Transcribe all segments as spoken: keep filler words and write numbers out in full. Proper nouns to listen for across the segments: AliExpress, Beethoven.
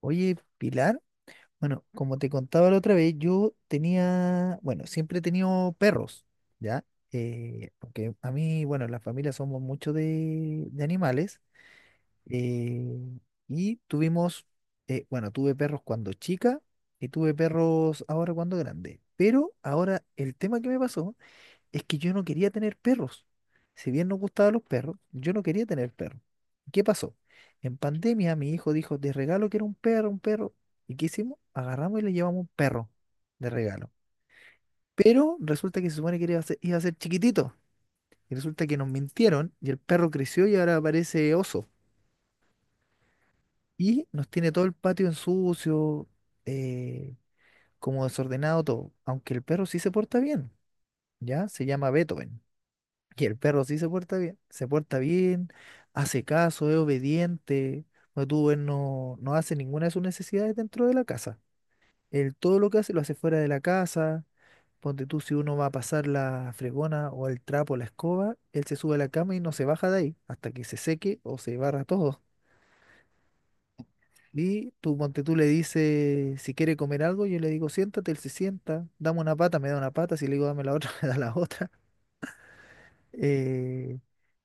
Oye, Pilar, bueno, como te contaba la otra vez, yo tenía, bueno, siempre he tenido perros, ¿ya? Eh, porque a mí, bueno, en la familia somos mucho de, de animales, eh, y tuvimos, eh, bueno, tuve perros cuando chica y tuve perros ahora cuando grande. Pero ahora el tema que me pasó es que yo no quería tener perros. Si bien nos gustaban los perros, yo no quería tener perros. ¿Qué pasó? En pandemia mi hijo dijo, de regalo que era un perro, un perro. ¿Y qué hicimos? Agarramos y le llevamos un perro de regalo. Pero resulta que se supone que iba a ser, iba a ser chiquitito. Y resulta que nos mintieron y el perro creció y ahora parece oso. Y nos tiene todo el patio en sucio, eh, como desordenado todo. Aunque el perro sí se porta bien, ¿ya? Se llama Beethoven. Y el perro sí se porta bien, se porta bien, hace caso, es obediente. No, tú, él no, no hace ninguna de sus necesidades dentro de la casa. Él todo lo que hace lo hace fuera de la casa. Ponte tú, si uno va a pasar la fregona o el trapo, la escoba, él se sube a la cama y no se baja de ahí hasta que se seque o se barra todo. Y tú, ponte tú, le dices si quiere comer algo, yo le digo siéntate, él se sienta, dame una pata, me da una pata, si le digo dame la otra, me da la otra. Eh,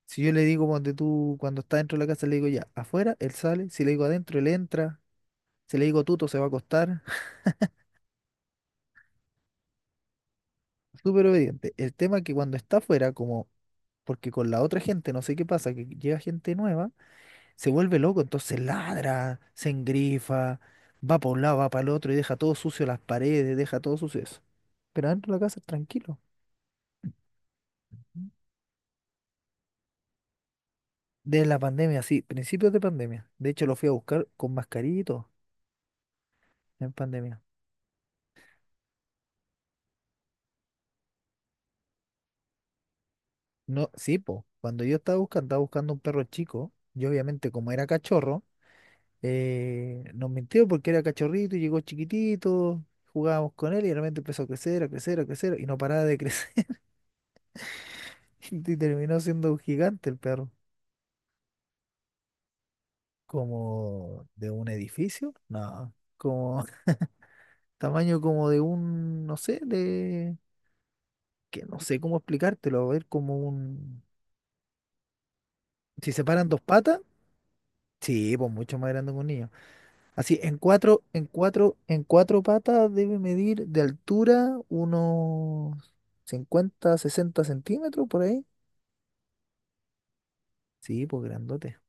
si yo le digo cuando tú, cuando está dentro de la casa, le digo ya, afuera, él sale. Si le digo adentro, él entra. Si le digo tuto, se va a acostar. Súper obediente. El tema es que cuando está afuera, como, porque con la otra gente, no sé qué pasa, que llega gente nueva, se vuelve loco, entonces ladra, se engrifa, va para un lado, va para el otro y deja todo sucio las paredes, deja todo sucio eso. Pero adentro de la casa, es tranquilo. De la pandemia, sí, principios de pandemia. De hecho, lo fui a buscar con mascarito en pandemia. No, sí, po. Cuando yo estaba buscando, estaba buscando un perro chico. Yo obviamente como era cachorro, eh, nos mintió porque era cachorrito y llegó chiquitito, jugábamos con él y realmente empezó a crecer, a crecer, a crecer y no paraba de crecer. Y terminó siendo un gigante el perro. Como de un edificio, no, como tamaño como de un, no sé, de, que no sé cómo explicártelo, a ver, como un, si separan dos patas, sí, pues mucho más grande que un niño. Así, en cuatro, en cuatro, en cuatro patas debe medir de altura unos cincuenta, sesenta centímetros por ahí. Sí, pues grandote.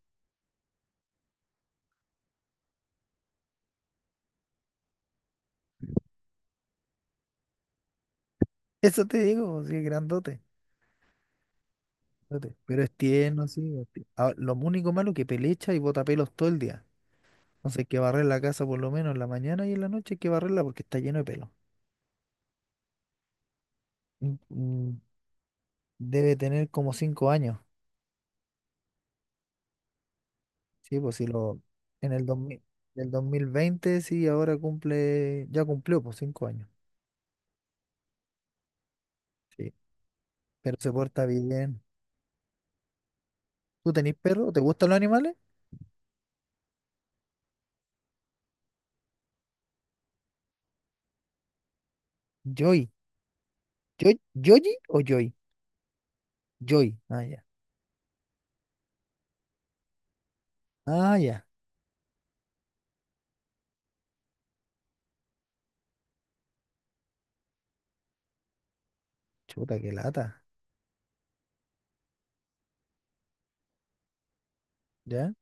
Eso te digo, pues, sí, grandote. Grandote. Pero es tierno, sí. Es tierno. Ah, lo único malo que pelecha y bota pelos todo el día. Entonces hay que barrer la casa por lo menos en la mañana y en la noche hay que barrerla porque está lleno de pelo. Mm, mm, Debe tener como cinco años. Sí, pues si lo... En el dos mil, del dos mil veinte sí, ahora cumple... Ya cumplió, pues cinco años. Sí, pero se porta bien. ¿Tú tenés perro? ¿Te gustan los animales? Joy. ¿Joy? ¿Yoyi o Joy? Joy. Ah, ya. Ah, ya. Chuta, qué lata. ¿Ya?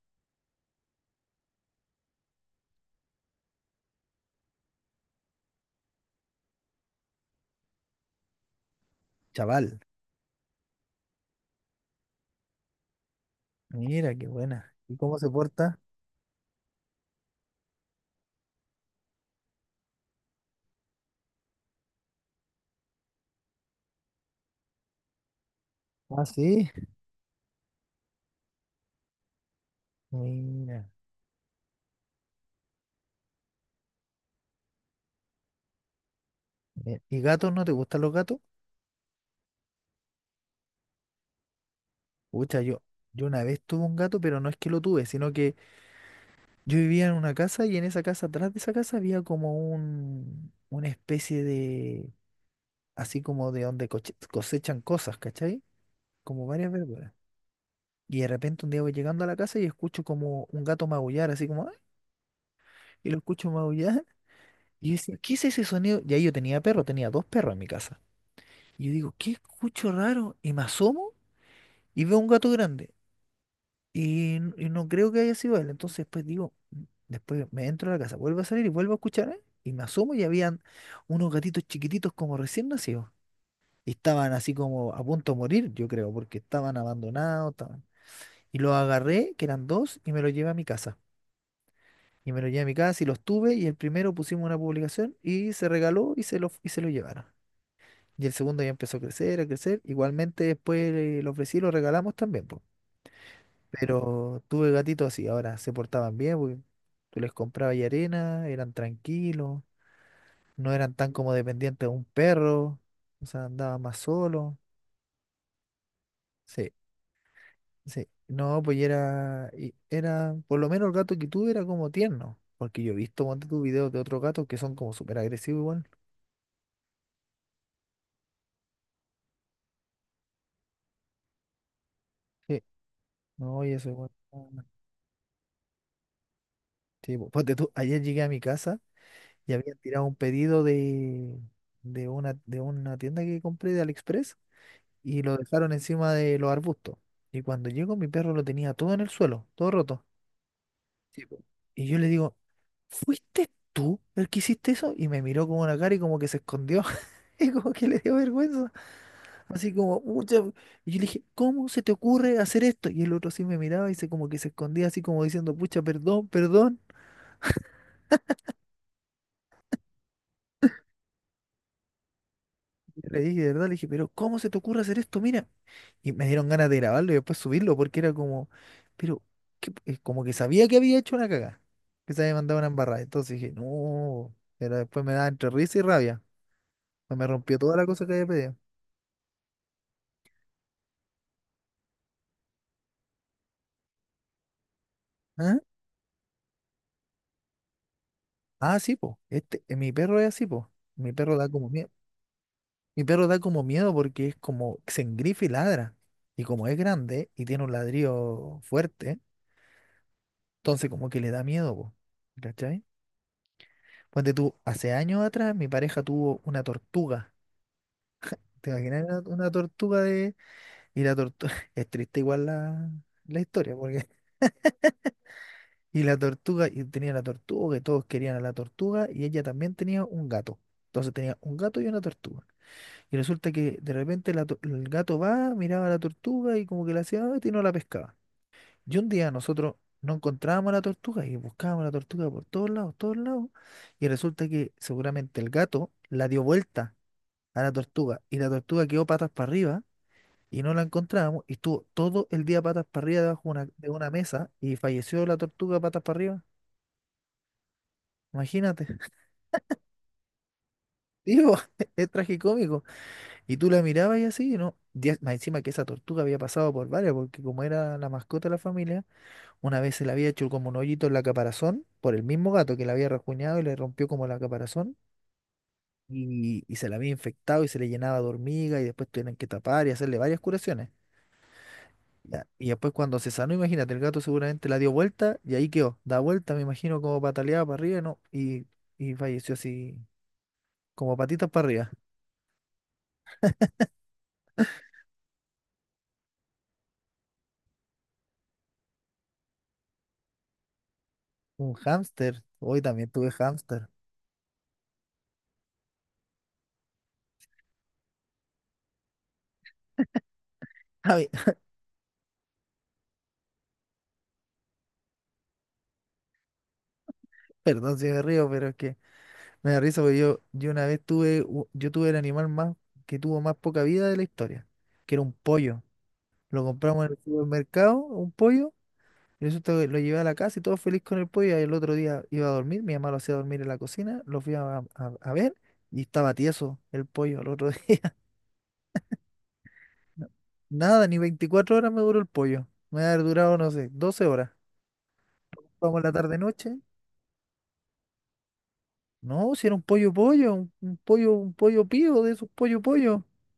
Chaval. Mira, qué buena. ¿Y cómo se porta? Ah, sí. Mira. Mi- ¿Y gatos? ¿No te gustan los gatos? Pucha, yo, yo una vez tuve un gato, pero no es que lo tuve, sino que yo vivía en una casa y en esa casa, atrás de esa casa, había como un, una especie de, así como de donde coche- cosechan cosas, ¿cachai? Como varias verduras. Y de repente un día voy llegando a la casa y escucho como un gato maullar, así como, "Ah", y lo escucho maullar. Y yo decía, ¿qué es ese sonido? Y ahí yo tenía perro, tenía dos perros en mi casa. Y yo digo, ¿qué escucho raro? Y me asomo y veo un gato grande. Y, n- y no creo que haya sido él. Entonces después digo, "Mm". Después me entro a la casa, vuelvo a salir y vuelvo a escuchar, ¿eh? Y me asomo y habían unos gatitos chiquititos como recién nacidos. Y estaban así como a punto de morir, yo creo, porque estaban abandonados. Estaban... Y los agarré, que eran dos, y me los llevé a mi casa. Y me lo llevé a mi casa y los tuve y el primero pusimos una publicación y se regaló y se lo, y se lo llevaron. Y el segundo ya empezó a crecer, a crecer. Igualmente después eh, lo ofrecí y lo regalamos también, po. Pero tuve gatitos así, ahora se portaban bien, porque tú les comprabas y arena, eran tranquilos, no eran tan como dependientes de un perro, o sea, andaban más solos. Sí, sí. No, pues y era, y era, por lo menos el gato que tuve era como tierno, porque yo he visto cuando tu videos de otros gatos que son como súper agresivos igual. Sí. No, y ese weón. Sí, po. Ponte tú, ayer llegué a mi casa y había tirado un pedido de, de una, de una tienda que compré de AliExpress y lo dejaron encima de los arbustos. Y cuando llego, mi perro lo tenía todo en el suelo, todo roto. Sí, po. Y yo le digo, ¿fuiste tú el que hiciste eso? Y me miró con una cara y como que se escondió. Y como que le dio vergüenza. Así como, mucha. Y yo le dije, ¿cómo se te ocurre hacer esto? Y el otro sí me miraba y se como que se escondía así como diciendo, pucha, perdón, perdón. Yo le dije, de verdad, le dije, pero ¿cómo se te ocurre hacer esto? Mira. Y me dieron ganas de grabarlo y después subirlo porque era como, pero ¿qué eh, como que sabía que había hecho una cagada, que se había mandado una embarrada. Entonces dije, no, pero después me daba entre risa y rabia. Pues me rompió toda la cosa que había pedido. ¿Ah? Ah, sí, po. Este, eh, mi perro es así, po. Mi perro da como miedo. Mi perro da como miedo porque es como se engrifa y ladra. Y como es grande y tiene un ladrillo fuerte, entonces como que le da miedo, po. ¿Cachai? Ponte tú, hace años atrás mi pareja tuvo una tortuga. ¿Te imaginas una, una tortuga de... Y la tortuga... Es triste igual la, la historia, porque... Y la tortuga, y tenía la tortuga, que todos querían a la tortuga, y ella también tenía un gato. Entonces tenía un gato y una tortuga. Y resulta que de repente la to- el gato va, miraba a la tortuga y como que la hacía "Ay", y no la pescaba. Y un día nosotros no encontrábamos a la tortuga y buscábamos a la tortuga por todos lados, todos lados. Y resulta que seguramente el gato la dio vuelta a la tortuga y la tortuga quedó patas para arriba y no la encontrábamos y estuvo todo el día patas para arriba debajo de una, de una mesa y falleció la tortuga patas para arriba. Imagínate, digo, es tragicómico. Y tú la mirabas y así, ¿no? Días- más encima que esa tortuga había pasado por varias, porque como era la mascota de la familia, una vez se le había hecho como un hoyito en la caparazón por el mismo gato que la había rasguñado y le rompió como la caparazón y, y se la había infectado y se le llenaba de hormiga y después tuvieron que tapar y hacerle varias curaciones. Ya. Y después cuando se sanó, imagínate, el gato seguramente la dio vuelta y ahí quedó. Da vuelta, me imagino, como pataleaba para arriba, ¿no? Y, y falleció así, como patitas para arriba. Un hámster. Hoy también tuve hámster. Ay, perdón si me río, pero es que me da risa porque yo, yo, una vez tuve, u- yo tuve el animal más, que tuvo más poca vida de la historia, que era un pollo. Lo compramos en el supermercado, un pollo. Eso te- lo llevé a la casa y todo feliz con el pollo. Y el otro día iba a dormir, mi mamá lo hacía dormir en la cocina, lo fui a, a- a ver y estaba tieso el pollo el otro día. No, nada, ni veinticuatro horas me duró el pollo. Me ha durado, no sé, doce horas. Vamos a la tarde-noche. No, si era un pollo pollo, un, un pollo, un pollo pío de esos pollo pollo.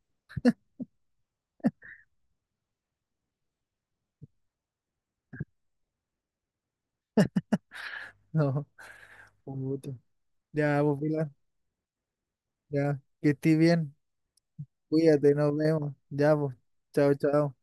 No, puta. Ya, pues, Pilar, ya, que estés bien. Cuídate, nos vemos. Ya, pues. Chao, chao.